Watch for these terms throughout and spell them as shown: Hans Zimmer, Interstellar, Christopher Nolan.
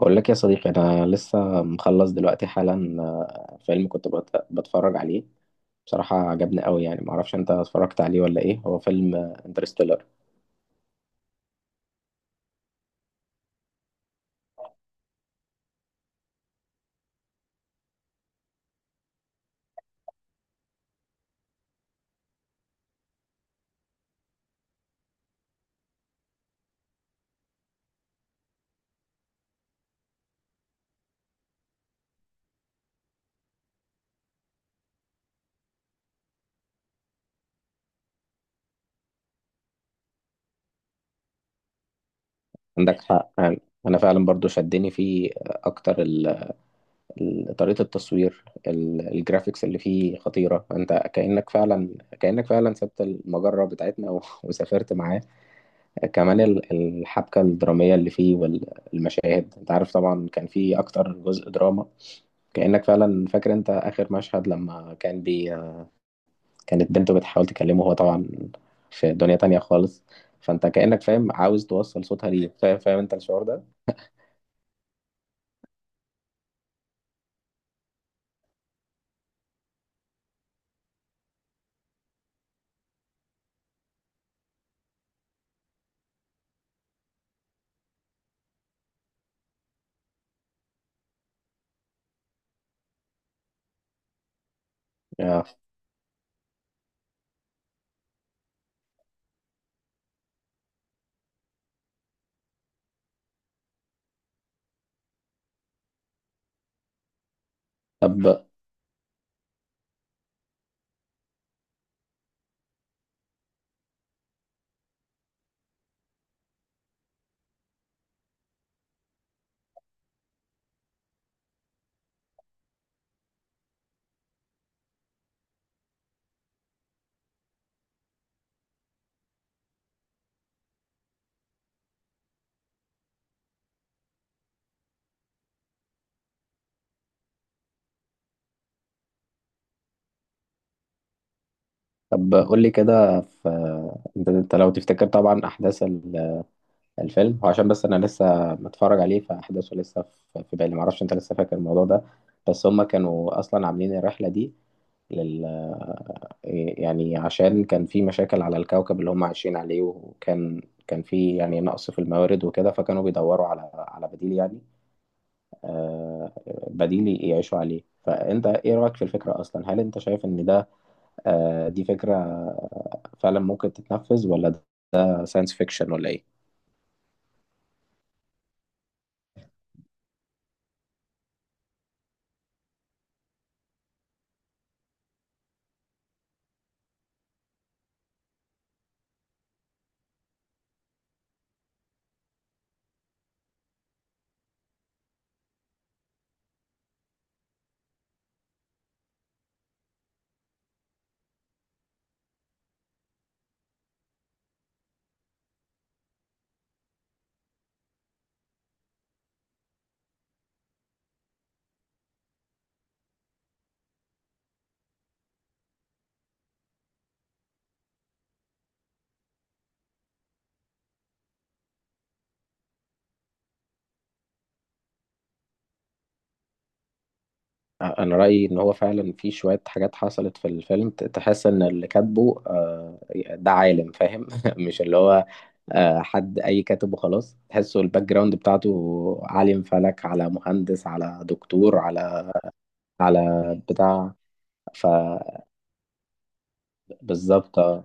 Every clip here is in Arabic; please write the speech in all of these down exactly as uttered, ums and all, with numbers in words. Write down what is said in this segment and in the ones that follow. بقول لك يا صديقي انا لسه مخلص دلوقتي حالا. آه، فيلم كنت بت- بتفرج عليه. بصراحة عجبني قوي، يعني معرفش انت اتفرجت عليه ولا ايه. هو فيلم انترستيلر. عندك حق يعني. انا فعلا برضو شدني فيه، آه، اكتر ال- ال- طريقة التصوير، ال- الجرافيكس اللي فيه خطيرة. انت كأنك فعلا، كأنك فعلا سبت المجرة بتاعتنا و- وسافرت معاه. كمان ال- الحبكة الدرامية اللي فيه والمشاهد، انت عارف طبعا كان فيه اكتر جزء دراما. كأنك فعلا فاكر، انت اخر مشهد لما كان بي، كانت بنته بتحاول تكلمه، هو طبعا في دنيا تانية خالص. فانت كأنك فاهم، عاوز توصل صوتها ليه، فاهم، فاهم انت الشعور ده؟ آه. طب، طب قول لي كده، في، انت انت لو تفتكر طبعا احداث ال- الفيلم، هو عشان بس انا لسه متفرج عليه فاحداثه لسه في في بالي، معرفش انت لسه فاكر الموضوع ده. بس هما كانوا اصلا عاملين الرحلة دي لل، يعني عشان كان في مشاكل على الكوكب اللي هم عايشين عليه، وكان كان في يعني نقص في الموارد وكده، فكانوا بيدوروا على على بديل يعني. آه، بديل يعيشوا عليه. فأنت إيه رأيك في الفكرة أصلا؟ هل أنت شايف إن ده، آه، دي فكرة آه، فعلا ممكن تتنفذ، ولا ده ساينس فيكشن، ولا إيه؟ انا رايي ان هو فعلا في شويه حاجات حصلت في الفيلم، ت- تحس ان اللي كاتبه، آه، ده عالم فاهم مش اللي هو، آه، حد اي كاتب وخلاص. تحسه الباك جراوند بتاعته عالم فلك، على مهندس، على دكتور، على على بتاع. فبالظبط آه.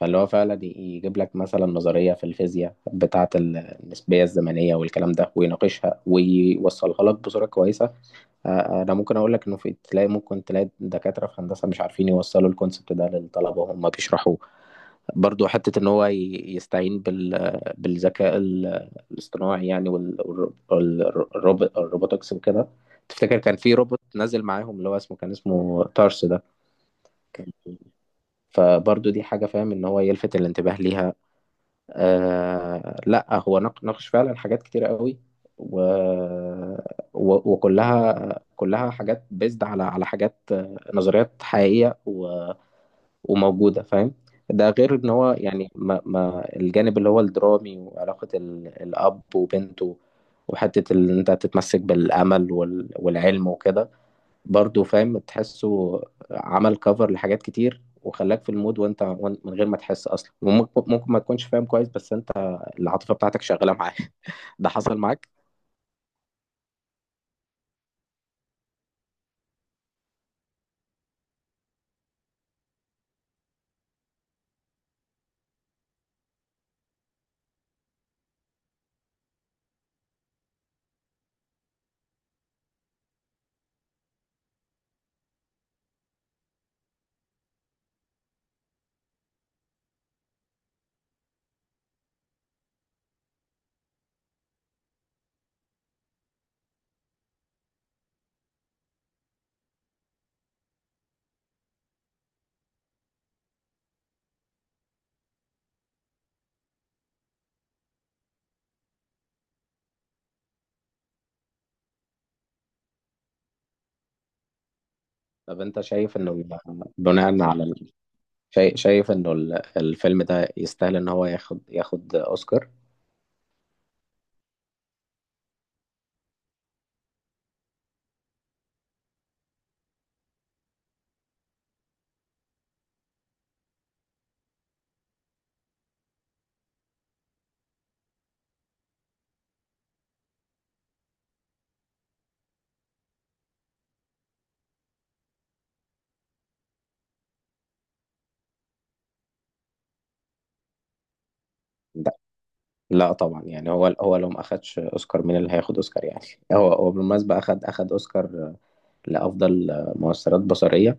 فاللي هو فعلا ي- يجيب لك مثلا نظريه في الفيزياء بتاعه ال- النسبيه الزمنيه والكلام ده، ويناقشها ويوصلها لك بصوره كويسه. آه، انا ممكن اقول لك انه في، تلاقي ممكن تلاقي دكاتره في هندسه مش عارفين يوصلوا الكونسبت ده للطلبه وهم بيشرحوه. برضو حته ان هو ي- يستعين بال، بالذكاء ال- الاصطناعي يعني، والروبوتكس وكده. تفتكر كان في روبوت نزل معاهم اللي هو اسمه، كان اسمه تارس ده. كان- فبرضو دي حاجه فاهم، ان هو يلفت الانتباه ليها. آه لا هو نق- ناقش فعلا حاجات كتيرة قوي، و... و... وكلها، كلها حاجات بيزد على على حاجات، آه، نظريات حقيقية و... وموجودة فاهم. ده غير ان هو يعني، ما... ما الجانب اللي هو الدرامي، وعلاقة ال... الأب وبنته، وحتة ان انت تتمسك بالأمل وال... والعلم وكده. برضه فاهم تحسه عمل كفر لحاجات كتير، وخلاك في المود وانت وان- من غير ما تحس اصلا. وممكن، ممكن ما تكونش فاهم كويس، بس انت العاطفه بتاعتك شغاله معاه ده حصل معاك؟ طب انت شايف انه ال- بناء على ال...، شايف، شايف انه ال- الفيلم ده يستاهل ان هو ياخد، ياخد اوسكار؟ لا، لا طبعا يعني. هو، هو لو ما اخدش اوسكار مين اللي هياخد اوسكار يعني هو، هو بالمناسبه اخد، اخد اوسكار لافضل مؤثرات بصريه.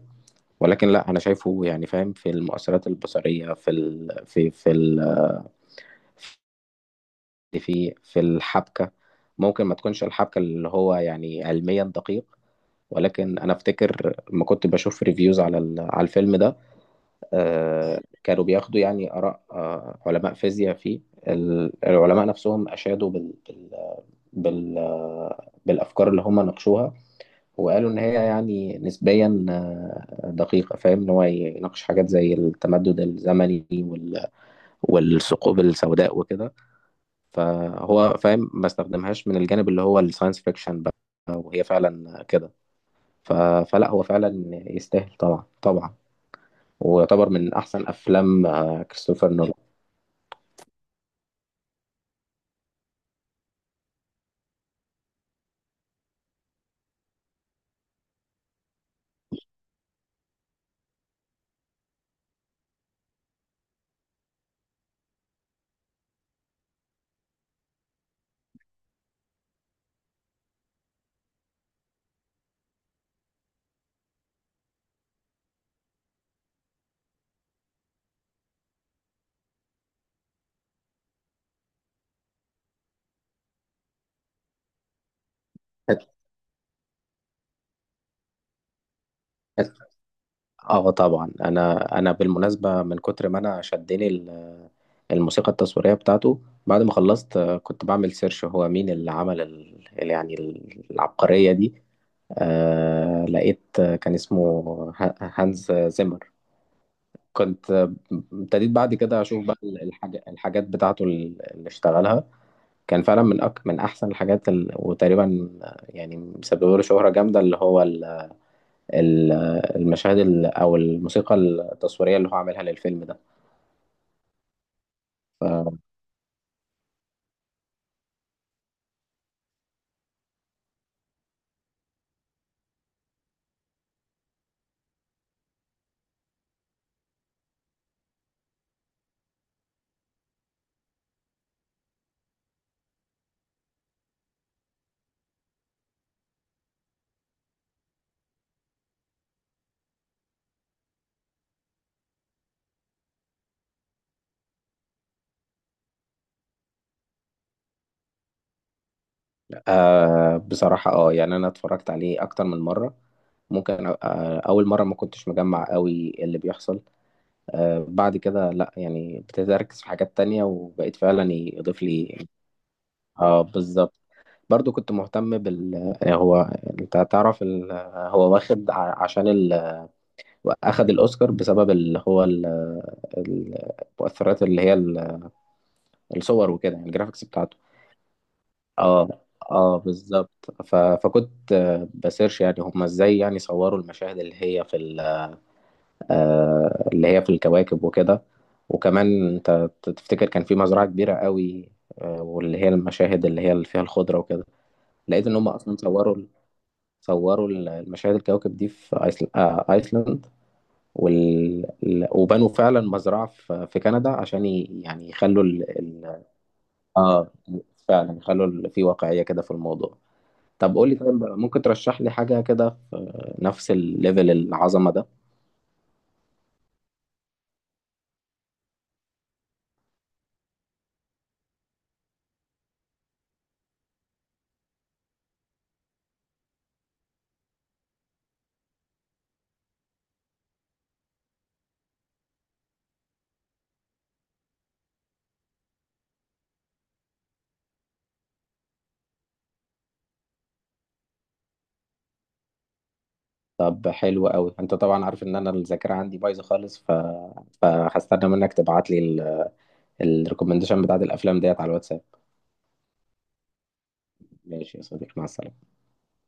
ولكن لا انا شايفه يعني فاهم، في المؤثرات البصريه في ال... في في ال... في في الحبكه، ممكن ما تكونش الحبكه اللي هو يعني علميا دقيق. ولكن انا افتكر لما كنت بشوف ريفيوز على ال- على الفيلم ده، آه، كانوا بياخدوا يعني اراء، آه، علماء فيزياء فيه. ال- العلماء نفسهم اشادوا بال... بال... بال... آه، بالافكار اللي هم ناقشوها. وقالوا إن هي يعني نسبيا آه، دقيقة فاهم، إن هو يناقش حاجات زي التمدد الزمني وال- والثقوب السوداء وكده. فهو فاهم ما استخدمهاش من الجانب اللي هو الساينس فيكشن بقى، وهي فعلا كده. ف- فلا هو فعلا يستاهل طبعا، طبعا، ويعتبر من أحسن أفلام آه، كريستوفر نولان. اه طبعا. انا انا بالمناسبه من كتر ما انا شدني الموسيقى التصويرية بتاعته، بعد ما خلصت آه، كنت بعمل سيرش هو مين اللي عمل ال... ال- يعني ال- العبقرية دي. آه لقيت، آه، كان اسمه ه- هانز زيمر. كنت آه، ابتديت بعد كده أشوف بقى ال- الحاج... الحاجات بتاعته ال- اللي اشتغلها. كان فعلا من أك... من أحسن الحاجات ال...، وتقريبا آه، يعني مسبب له شهرة جامدة، اللي هو ال... ال- المشاهد ال...، أو الموسيقى التصويرية اللي هو عاملها للفيلم ده. آه بصراحة اه يعني أنا اتفرجت عليه أكتر من مرة. ممكن آه أول مرة ما كنتش مجمع قوي اللي بيحصل. آه بعد كده لأ، يعني ابتديت أركز في حاجات تانية، وبقيت فعلا يضيف لي إيه. اه بالظبط. برضو كنت مهتم بال، آه، هو، أنت تعرف ال... آه، هو واخد ع- عشان ال...، أخد الأوسكار بسبب اللي هو ال... آه، المؤثرات اللي هي ال- الصور وكده، يعني الجرافيكس بتاعته. اه. اه بالظبط. ف... فكنت آه، بسيرش يعني هم ازاي يعني صوروا المشاهد اللي هي في ال... آه، اللي هي في الكواكب وكده. وكمان انت تفتكر كان في مزرعة كبيرة قوي، آه، واللي هي المشاهد اللي هي اللي فيها الخضرة وكده. لقيت ان هم اصلا صوروا، صوروا المشاهد الكواكب دي في ايسل... آه، ايسلند. وال... ال- وبنوا فعلا مزرعة في في كندا عشان ي... يعني يخلوا ال... ال... اه فعلا يخلوا ال... في واقعية كده في الموضوع. طب قول لي، طيب ممكن ترشح لي حاجة كده في نفس الليفل العظمة ده؟ طب حلو قوي. انت طبعا عارف ان انا الذاكرة عندي بايظة خالص، ف... فهستنى منك تبعت لي الريكومنديشن بتاعت الافلام ديت على الواتساب. ماشي يا صديقي، مع السلامة.